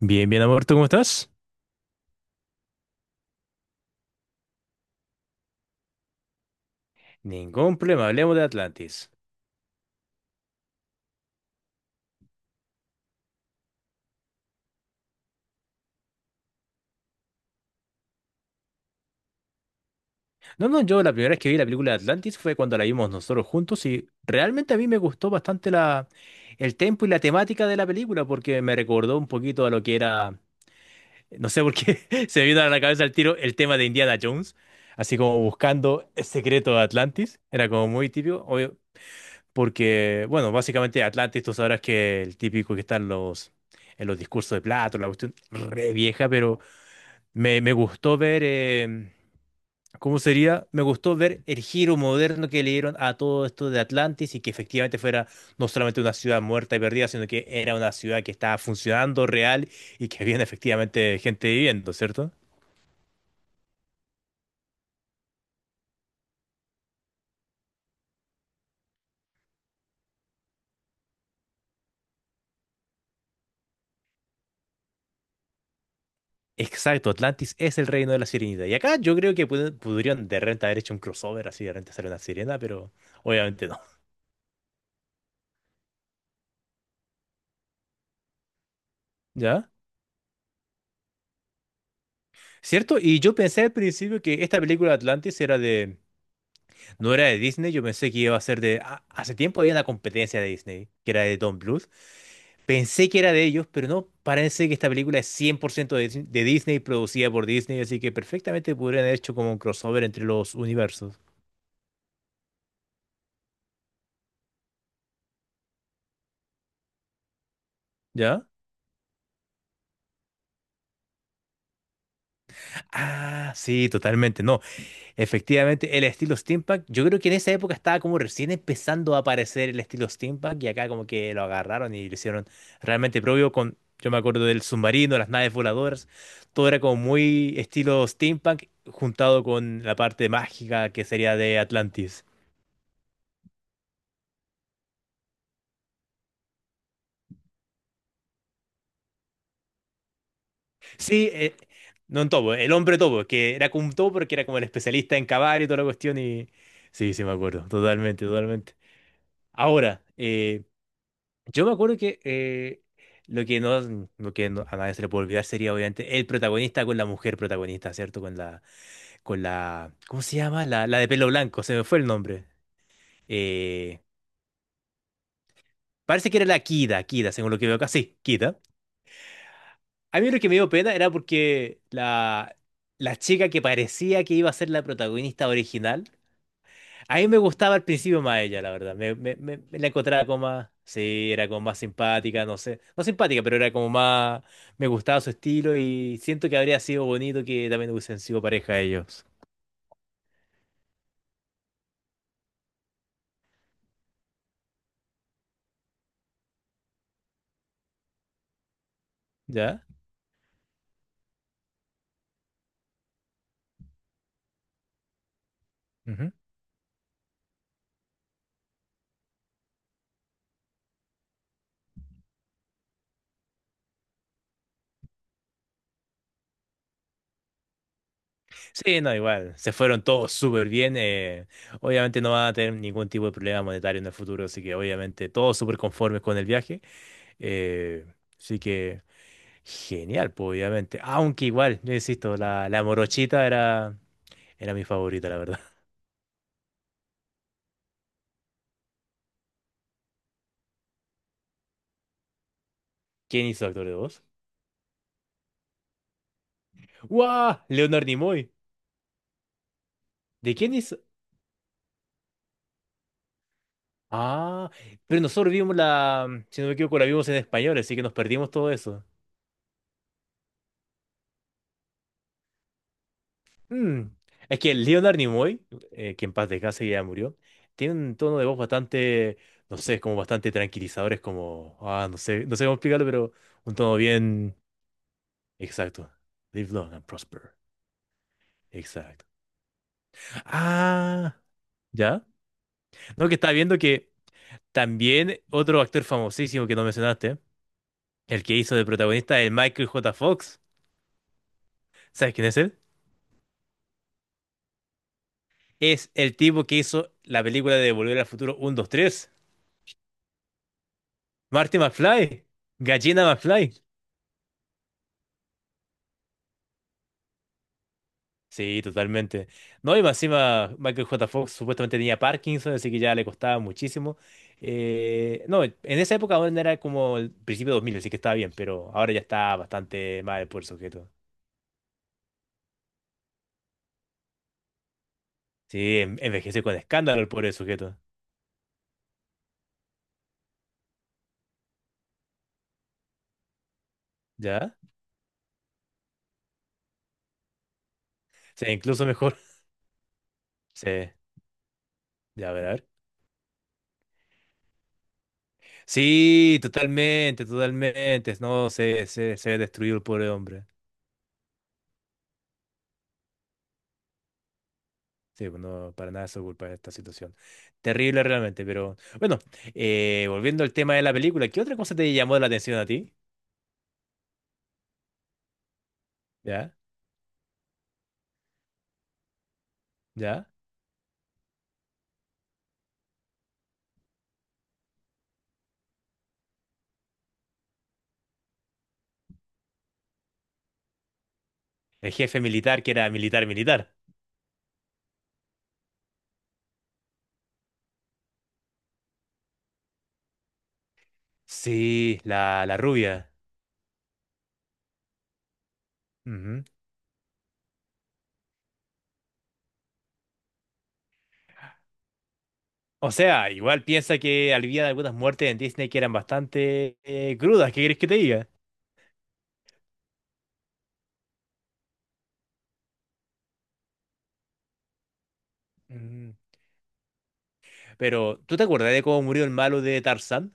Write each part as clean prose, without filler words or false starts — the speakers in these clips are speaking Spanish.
Bien, bien, amor, ¿tú cómo estás? Ningún problema, hablemos de Atlantis. No, no, yo la primera vez que vi la película de Atlantis fue cuando la vimos nosotros juntos y realmente a mí me gustó bastante el tempo y la temática de la película porque me recordó un poquito a lo que era, no sé por qué se me vino a la cabeza el tema de Indiana Jones, así como buscando el secreto de Atlantis, era como muy típico, obvio, porque, bueno, básicamente Atlantis tú sabrás que el típico que está en los discursos de Plato, la cuestión re vieja, pero. Me gustó ver, ¿cómo sería? Me gustó ver el giro moderno que le dieron a todo esto de Atlantis y que efectivamente fuera no solamente una ciudad muerta y perdida, sino que era una ciudad que estaba funcionando real y que había efectivamente gente viviendo, ¿cierto? Exacto, Atlantis es el reino de la sirenita. Y acá yo creo que pudieron de repente haber hecho un crossover, así de repente hacer una sirena, pero obviamente no. ¿Ya? ¿Cierto? Y yo pensé al principio que esta película Atlantis era de no era de Disney. Yo pensé que iba a ser hace tiempo había una competencia de Disney, que era de Don Bluth. Pensé que era de ellos, pero no, parece que esta película es 100% de Disney, producida por Disney, así que perfectamente podrían haber hecho como un crossover entre los universos. ¿Ya? Ah, sí, totalmente, no. Efectivamente, el estilo steampunk, yo creo que en esa época estaba como recién empezando a aparecer el estilo steampunk y acá como que lo agarraron y lo hicieron realmente propio con, yo me acuerdo del submarino, las naves voladoras, todo era como muy estilo steampunk juntado con la parte mágica que sería de Atlantis. Sí, no en topo, el hombre topo, que era como un topo porque era como el especialista en cavar y toda la cuestión y sí, sí me acuerdo, totalmente, totalmente. Ahora, yo me acuerdo que lo que no- a nadie se le puede olvidar sería obviamente el protagonista con la mujer protagonista, ¿cierto? Con la, ¿cómo se llama? La de pelo blanco, se me fue el nombre. Eh, parece que era la Kida, Kida, según lo que veo acá. Sí, Kida. A mí lo que me dio pena era porque la chica que parecía que iba a ser la protagonista original. A mí me gustaba al principio más ella, la verdad. Me la encontraba como más. Sí, era como más simpática, no sé. No simpática, pero era como más. Me gustaba su estilo y siento que habría sido bonito que también hubiesen sido pareja ellos. ¿Ya? Ujú. Sí, no, igual. Se fueron todos súper bien. Obviamente no van a tener ningún tipo de problema monetario en el futuro, así que obviamente todos súper conformes con el viaje. eh, así que genial, pues obviamente. Aunque igual, yo insisto, la morochita era mi favorita, la verdad. ¿Quién hizo actor de voz? ¡Wow! Leonard Nimoy. ¿De quién hizo? Ah, pero nosotros vimos la, si no me equivoco, la vimos en español, así que nos perdimos todo eso. Mm. Es que Leonard Nimoy, que en paz descanse ya murió, tiene un tono de voz bastante, no sé, como bastante tranquilizador, es como, ah, no sé, no sé cómo explicarlo, pero un tono bien. Exacto. Live long and prosper. Exacto. Ah, ¿ya? No, que estaba viendo que también otro actor famosísimo que no mencionaste. El que hizo de protagonista es Michael J. Fox. ¿Sabes quién es él? Es el tipo que hizo la película de Volver al Futuro uno, 2, 3. Marty McFly. Gallina McFly. Sí, totalmente. No, y más encima Michael J. Fox supuestamente tenía Parkinson, así que ya le costaba muchísimo. No, en esa época aún era como el principio de 2000, así que estaba bien, pero ahora ya está bastante mal el pobre sujeto. Sí, envejece con escándalo el pobre sujeto. ¿Ya? Sí, incluso mejor. Sí, ya, a ver, a ver. Sí, totalmente, totalmente. No, se destruyó el pobre hombre. Sí, pues no, para nada es su culpa esta situación. Terrible realmente, pero bueno, volviendo al tema de la película, ¿qué otra cosa te llamó la atención a ti? ¿Ya? ¿Ya? El jefe militar que era militar, militar. Sí, la rubia. Ujú. O sea, igual piensa que había algunas muertes en Disney que eran bastante crudas, ¿qué quieres que te diga? Ujú. Pero, ¿tú te acuerdas de cómo murió el malo de Tarzán?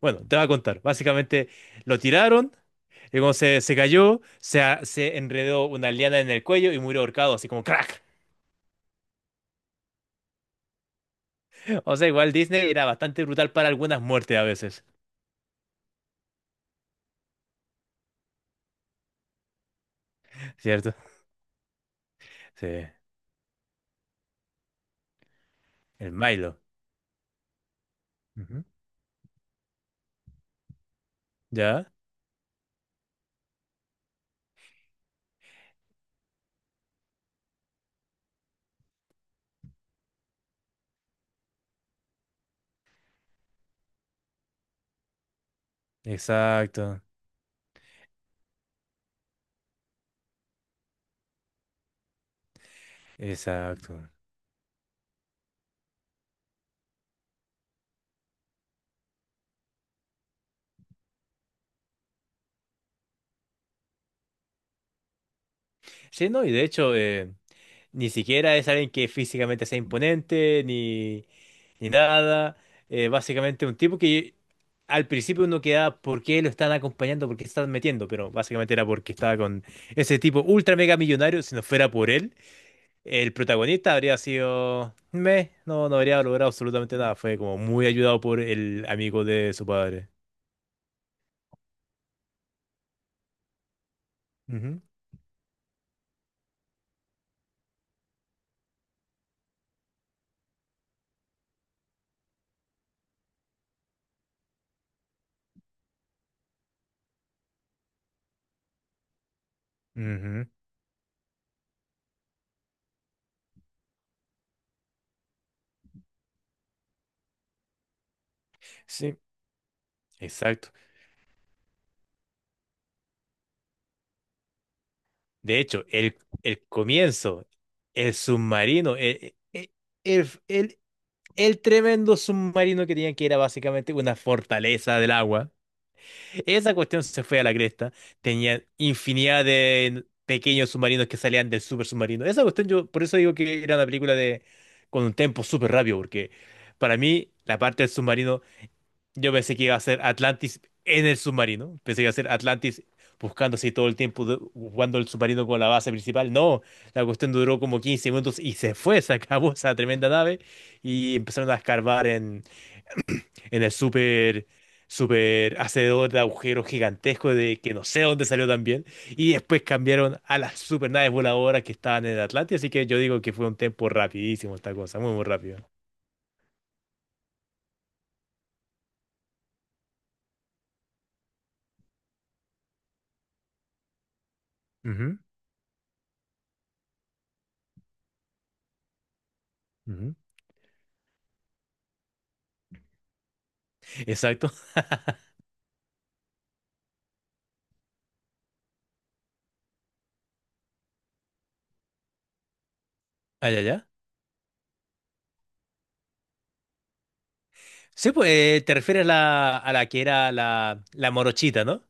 Bueno, te voy a contar. Básicamente lo tiraron, y como se cayó, se enredó una liana en el cuello y murió ahorcado, así como crack. O sea, igual Disney era bastante brutal para algunas muertes a veces, ¿cierto? Sí, el Milo. Ujú. ¿Ya? Exacto, exacto. Sí, no, y de hecho, ni siquiera es alguien que físicamente sea imponente, ni, nada. Básicamente un tipo que al principio uno queda por qué lo están acompañando, por qué se están metiendo, pero básicamente era porque estaba con ese tipo ultra mega millonario. Si no fuera por él, el protagonista habría sido. Meh, no, no habría logrado absolutamente nada. Fue como muy ayudado por el amigo de su padre. Ujú, ujú. Sí, exacto. De hecho, el comienzo, el submarino, el, el- el tremendo submarino que tenían, que era básicamente una fortaleza del agua. Esa cuestión se fue a la cresta. Tenían infinidad de pequeños submarinos que salían del super submarino. Esa cuestión yo, por eso digo que era una película de con un tempo súper rápido, porque para mí la parte del submarino yo pensé que iba a ser Atlantis en el submarino. Pensé que iba a ser Atlantis buscando así todo el tiempo, jugando el submarino con la base principal. No, la cuestión duró como 15 minutos y se fue, se acabó esa tremenda nave y empezaron a escarbar en, en el super super hacedor de agujeros gigantesco de que no sé dónde salió también. Y después cambiaron a las super naves voladoras que estaban en el Atlantis. Así que yo digo que fue un tiempo rapidísimo esta cosa, muy, muy rápido. Ujú, ujú. Exacto. Allá, allá. Sí, pues te refieres a a la que era la morochita, ¿no?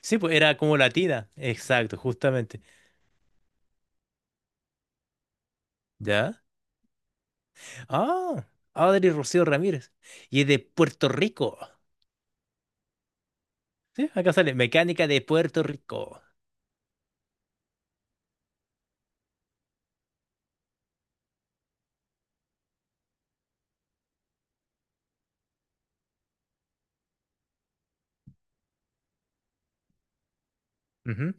Sí, pues era como latina. Exacto, justamente. ¿Ya? Ah, Audrey Rocío Ramírez. Y es de Puerto Rico. Sí, acá sale, mecánica de Puerto Rico. Ujú,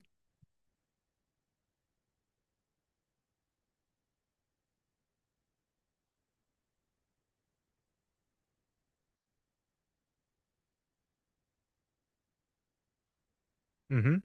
ujú.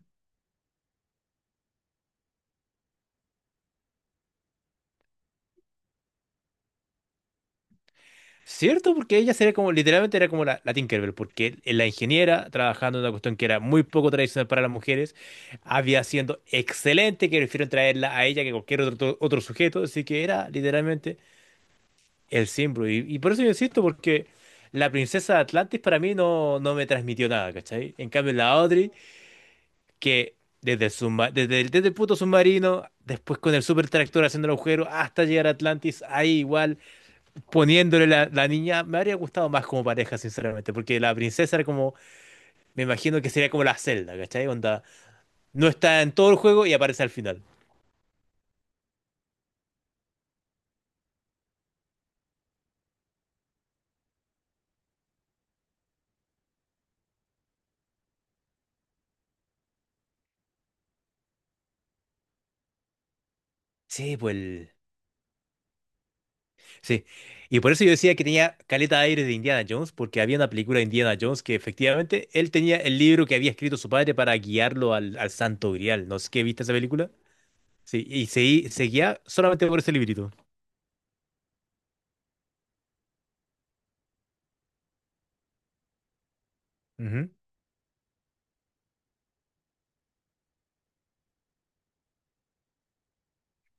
Cierto, porque ella sería como, literalmente era como la Tinkerbell, porque la ingeniera trabajando en una cuestión que era muy poco tradicional para las mujeres, había siendo excelente, que prefirieron traerla a ella que cualquier otro sujeto, así que era literalmente el Simbru. Y por eso yo insisto, porque la princesa de Atlantis para mí no, no me transmitió nada, ¿cachai? En cambio, la Audrey, que desde el puto submarino, después con el super tractor haciendo el agujero, hasta llegar a Atlantis, ahí igual, poniéndole la niña, me habría gustado más como pareja, sinceramente, porque la princesa era como, me imagino que sería como la Zelda, ¿cachai? Onda, no está en todo el juego y aparece al final. Sí, pues. Sí, y por eso yo decía que tenía caleta de aire de Indiana Jones, porque había una película de Indiana Jones que efectivamente él tenía el libro que había escrito su padre para guiarlo al Santo Grial. No sé qué viste esa película. Sí, y se guía solamente por ese librito. Ujú,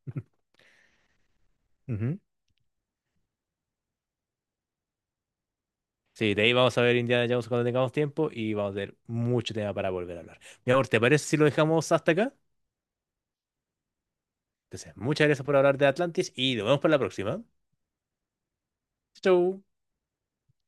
ujú. Sí, de ahí vamos a ver Indiana Jones cuando tengamos tiempo y vamos a tener mucho tema para volver a hablar. Mi amor, ¿te parece si lo dejamos hasta acá? Entonces, muchas gracias por hablar de Atlantis y nos vemos para la próxima. Chau.